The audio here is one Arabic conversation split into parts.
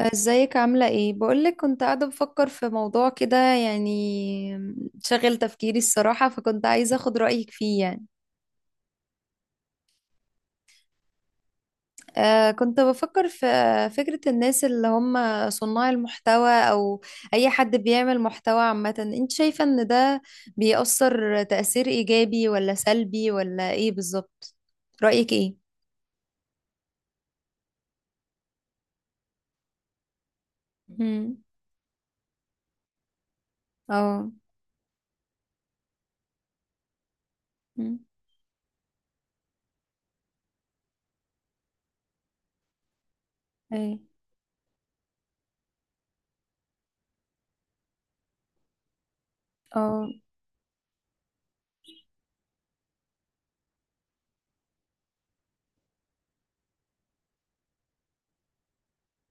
ازيك، عاملة ايه؟ بقولك، كنت قاعدة بفكر في موضوع كده، يعني شغل تفكيري الصراحة، فكنت عايزة اخد رأيك فيه يعني. كنت بفكر في فكرة الناس اللي هم صناع المحتوى، او اي حد بيعمل محتوى عامة. انت شايفة ان ده بيأثر تأثير ايجابي ولا سلبي، ولا ايه بالظبط؟ رأيك ايه؟ امم. اه. امم. ايه. اه.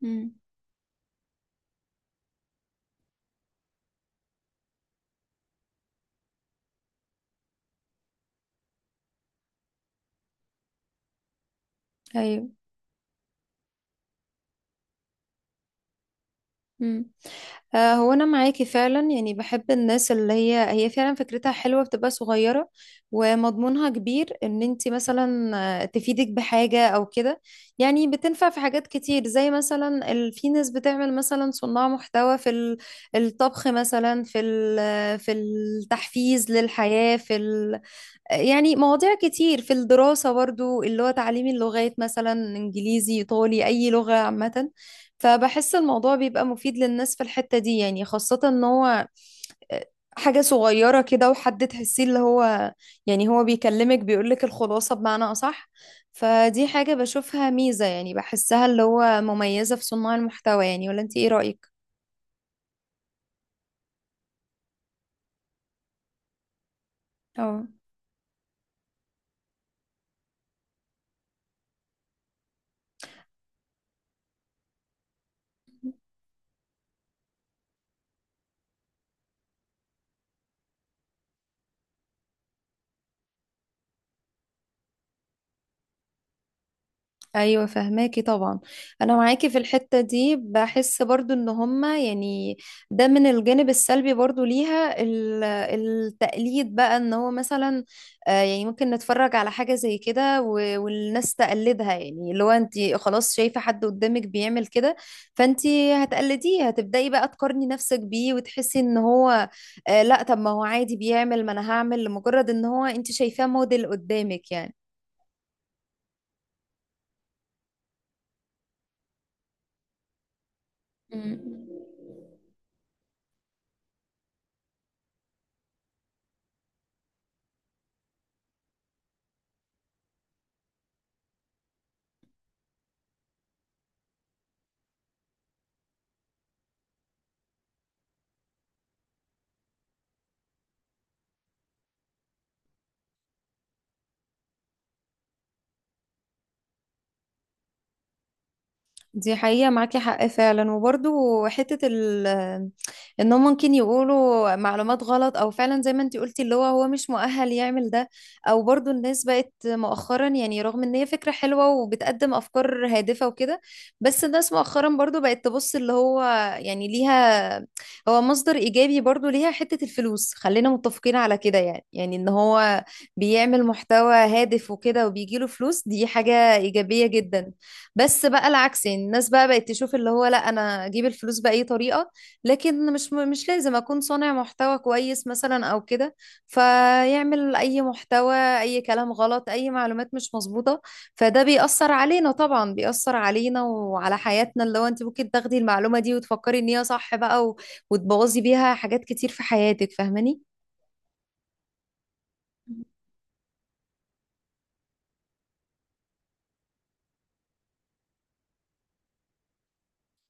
امم. ايوه. هو انا معاكي فعلا، يعني بحب الناس اللي هي هي فعلا فكرتها حلوه، بتبقى صغيره ومضمونها كبير، ان انت مثلا تفيدك بحاجه او كده. يعني بتنفع في حاجات كتير، زي مثلا في ناس بتعمل مثلا صناع محتوى في الطبخ، مثلا في التحفيز للحياه. يعني مواضيع كتير في الدراسة برضو، اللي هو تعليم اللغات، مثلا انجليزي، ايطالي، اي لغة عامة. فبحس الموضوع بيبقى مفيد للناس في الحتة دي يعني، خاصة ان هو آه، حاجة صغيرة كده، وحد تحسيه اللي هو، يعني هو بيكلمك بيقولك الخلاصة بمعنى أصح. فدي حاجة بشوفها ميزة، يعني بحسها اللي هو مميزة في صناع المحتوى يعني. ولا انت ايه رأيك؟ اه. ايوه، فهماكي طبعا. انا معاكي في الحته دي، بحس برضو ان هما يعني ده من الجانب السلبي برضو ليها، التقليد بقى، ان هو مثلا يعني ممكن نتفرج على حاجه زي كده، والناس تقلدها، يعني اللي هو انت خلاص شايفه حد قدامك بيعمل كده. فانت هتقلديه، هتبداي بقى تقارني نفسك بيه، وتحسي ان هو لا، طب ما هو عادي بيعمل، ما انا هعمل، لمجرد ان هو انت شايفاه موديل قدامك يعني. دي حقيقة، معاكي حق فعلا. وبرضو حتة انهم ممكن يقولوا معلومات غلط، او فعلا زي ما انتي قلتي، اللي هو هو مش مؤهل يعمل ده. او برضو الناس بقت مؤخرا، يعني رغم ان هي فكرة حلوة وبتقدم افكار هادفة وكده، بس الناس مؤخرا برضو بقت تبص اللي هو، يعني ليها هو مصدر ايجابي برضو، ليها حتة الفلوس، خلينا متفقين على كده يعني. يعني ان هو بيعمل محتوى هادف وكده وبيجيله فلوس، دي حاجة ايجابية جدا. بس بقى العكس، يعني الناس بقى بقت تشوف اللي هو، لا انا اجيب الفلوس باي طريقه، لكن مش لازم اكون صانع محتوى كويس مثلا او كده، فيعمل اي محتوى، اي كلام غلط، اي معلومات مش مظبوطه. فده بيأثر علينا طبعا، بيأثر علينا وعلى حياتنا، اللي هو انت ممكن تاخدي المعلومه دي وتفكري ان هي صح بقى، و... وتبوظي بيها حاجات كتير في حياتك، فاهماني؟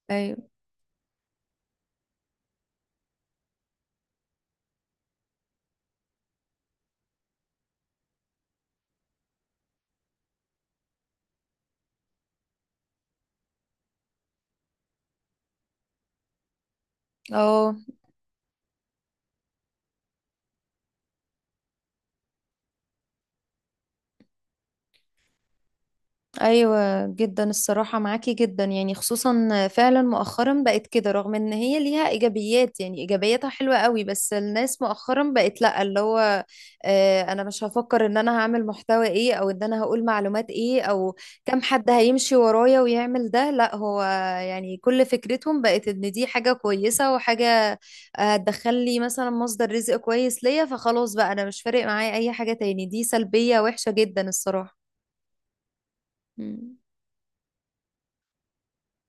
ايوه. اه. ايوه، جدا الصراحه، معاكي جدا يعني. خصوصا فعلا مؤخرا بقت كده، رغم ان هي ليها ايجابيات يعني، ايجابياتها حلوه قوي، بس الناس مؤخرا بقت لا، اللي هو انا مش هفكر ان انا هعمل محتوى ايه، او ان انا هقول معلومات ايه، او كم حد هيمشي ورايا ويعمل ده. لا، هو يعني كل فكرتهم بقت ان دي حاجه كويسه، وحاجه هتدخل لي مثلا مصدر رزق كويس ليا، فخلاص بقى انا مش فارق معايا اي حاجه تاني. دي سلبيه وحشه جدا الصراحه. مم.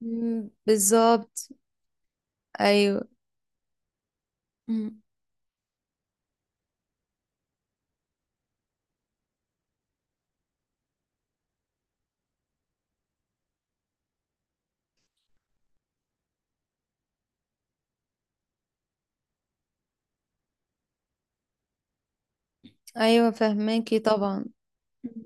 مم، بالظبط. ايوه. مم. ايوه، فهماكي طبعا. مم.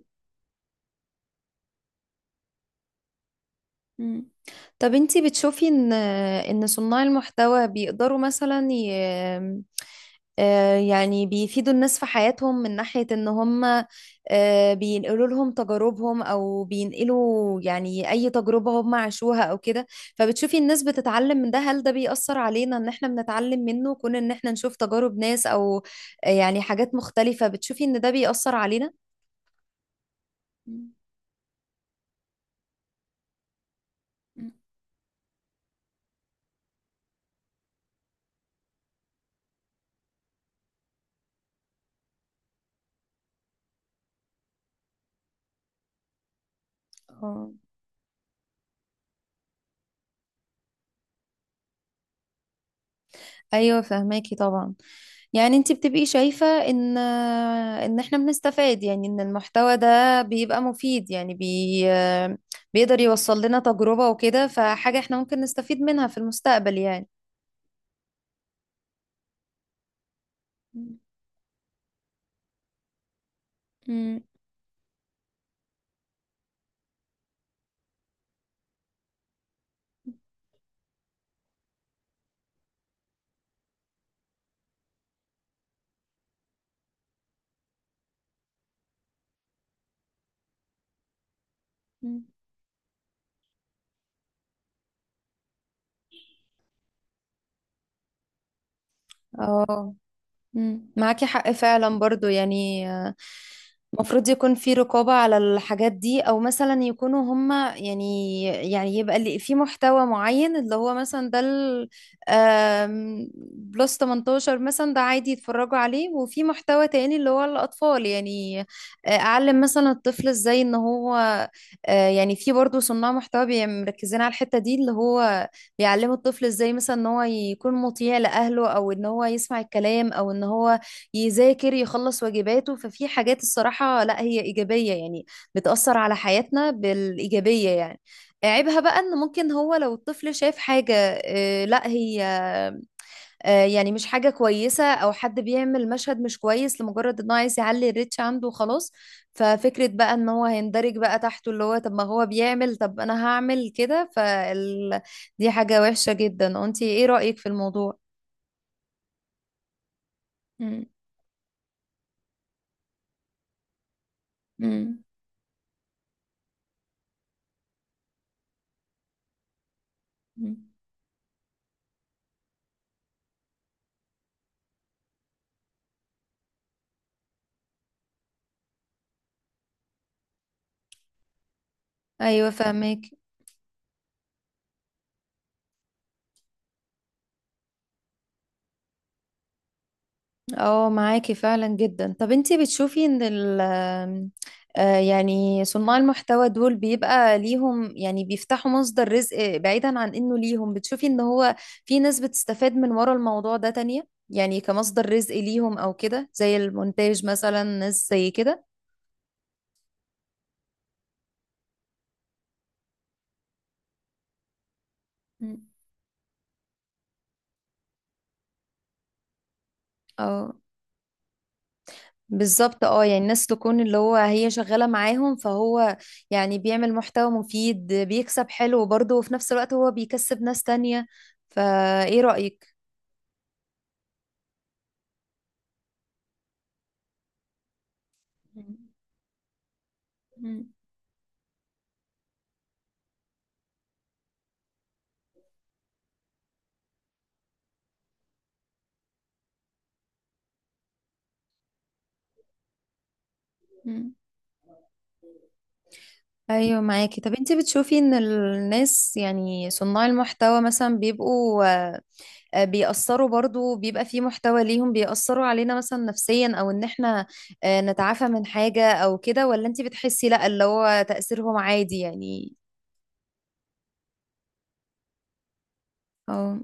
مم. طب انتي بتشوفي ان صناع المحتوى بيقدروا مثلا ي... آه، يعني بيفيدوا الناس في حياتهم، من ناحية ان هم بينقلوا لهم تجاربهم، او بينقلوا يعني اي تجربة هم عاشوها او كده. فبتشوفي الناس بتتعلم من ده؟ هل ده بيأثر علينا ان احنا بنتعلم منه، كون ان احنا نشوف تجارب ناس، او يعني حاجات مختلفة، بتشوفي ان ده بيأثر علينا؟ مم. مم. اه. ايوه، فهماكي طبعا. يعني انت بتبقي شايفة ان احنا بنستفاد يعني، ان المحتوى ده بيبقى مفيد يعني، بيقدر يوصل لنا تجربة وكده، فحاجة احنا ممكن نستفيد منها في المستقبل يعني. مم. مم. مم. اه. مم، معاكي حق فعلا برضو، يعني المفروض يكون في رقابة على الحاجات دي، أو مثلا يكونوا هما يعني، يعني يبقى اللي في محتوى معين اللي هو مثلا ده ال- آم، بلس 18 مثلا، ده عادي يتفرجوا عليه، وفي محتوى تاني اللي هو الأطفال يعني، أعلم مثلا الطفل إزاي إن هو يعني في برضو صناع محتوى مركزين على الحتة دي، اللي هو يعلموا الطفل ازاي مثلا ان هو يكون مطيع لاهله، او ان هو يسمع الكلام، او ان هو يذاكر يخلص واجباته. ففي حاجات الصراحة لا، هي ايجابية يعني، بتأثر على حياتنا بالايجابية يعني. عيبها بقى ان ممكن هو لو الطفل شاف حاجة لا هي، يعني مش حاجة كويسة، أو حد بيعمل مشهد مش كويس لمجرد إن هو عايز يعلي الريتش عنده وخلاص. ففكرة بقى إن هو هيندرج بقى تحته، اللي هو طب ما هو بيعمل، طب أنا هعمل كده دي حاجة وحشة جدا. أنتي إيه رأيك في الموضوع؟ مم. مم. مم. أيوة، فاهمك. اه، معاكي فعلا جدا. طب انتي بتشوفي ان ال آم، آه، يعني صناع المحتوى دول بيبقى ليهم، يعني بيفتحوا مصدر رزق، بعيدا عن انه ليهم، بتشوفي ان هو في ناس بتستفاد من ورا الموضوع ده تانية، يعني كمصدر رزق ليهم او كده، زي المونتاج مثلا، ناس زي كده. مم. اه، بالظبط. اه، يعني ناس تكون اللي هو هي شغالة معاهم، فهو يعني بيعمل محتوى مفيد، بيكسب حلو برضه، وفي نفس الوقت هو بيكسب ناس تانية. فايه رأيك؟ مم. مم. مم. ايوه، معاكي. طب انتي بتشوفي ان الناس يعني صناع المحتوى مثلا بيبقوا بيأثروا برضو، بيبقى في محتوى ليهم بيأثروا علينا مثلا نفسيا، او ان احنا نتعافى من حاجة او كده، ولا انتي بتحسي لا اللي هو تأثيرهم عادي يعني؟ اه.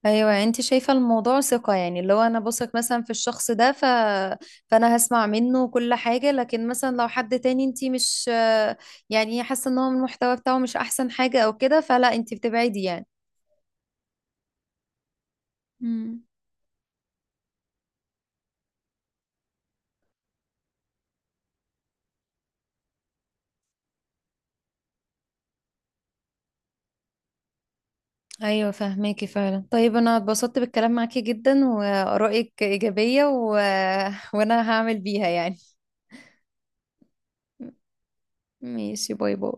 ايوه، يعني انت شايفه الموضوع ثقه يعني، اللي هو انا بثق مثلا في الشخص ده فانا هسمع منه كل حاجه، لكن مثلا لو حد تاني انت مش يعني حاسه ان هو المحتوى بتاعه مش احسن حاجه او كده، فلا انت بتبعدي يعني. مم. ايوه، فهماكي فعلا. طيب انا اتبسطت بالكلام معاكي جدا، وارائك ايجابيه، و... وانا هعمل بيها يعني. ماشي، باي باي.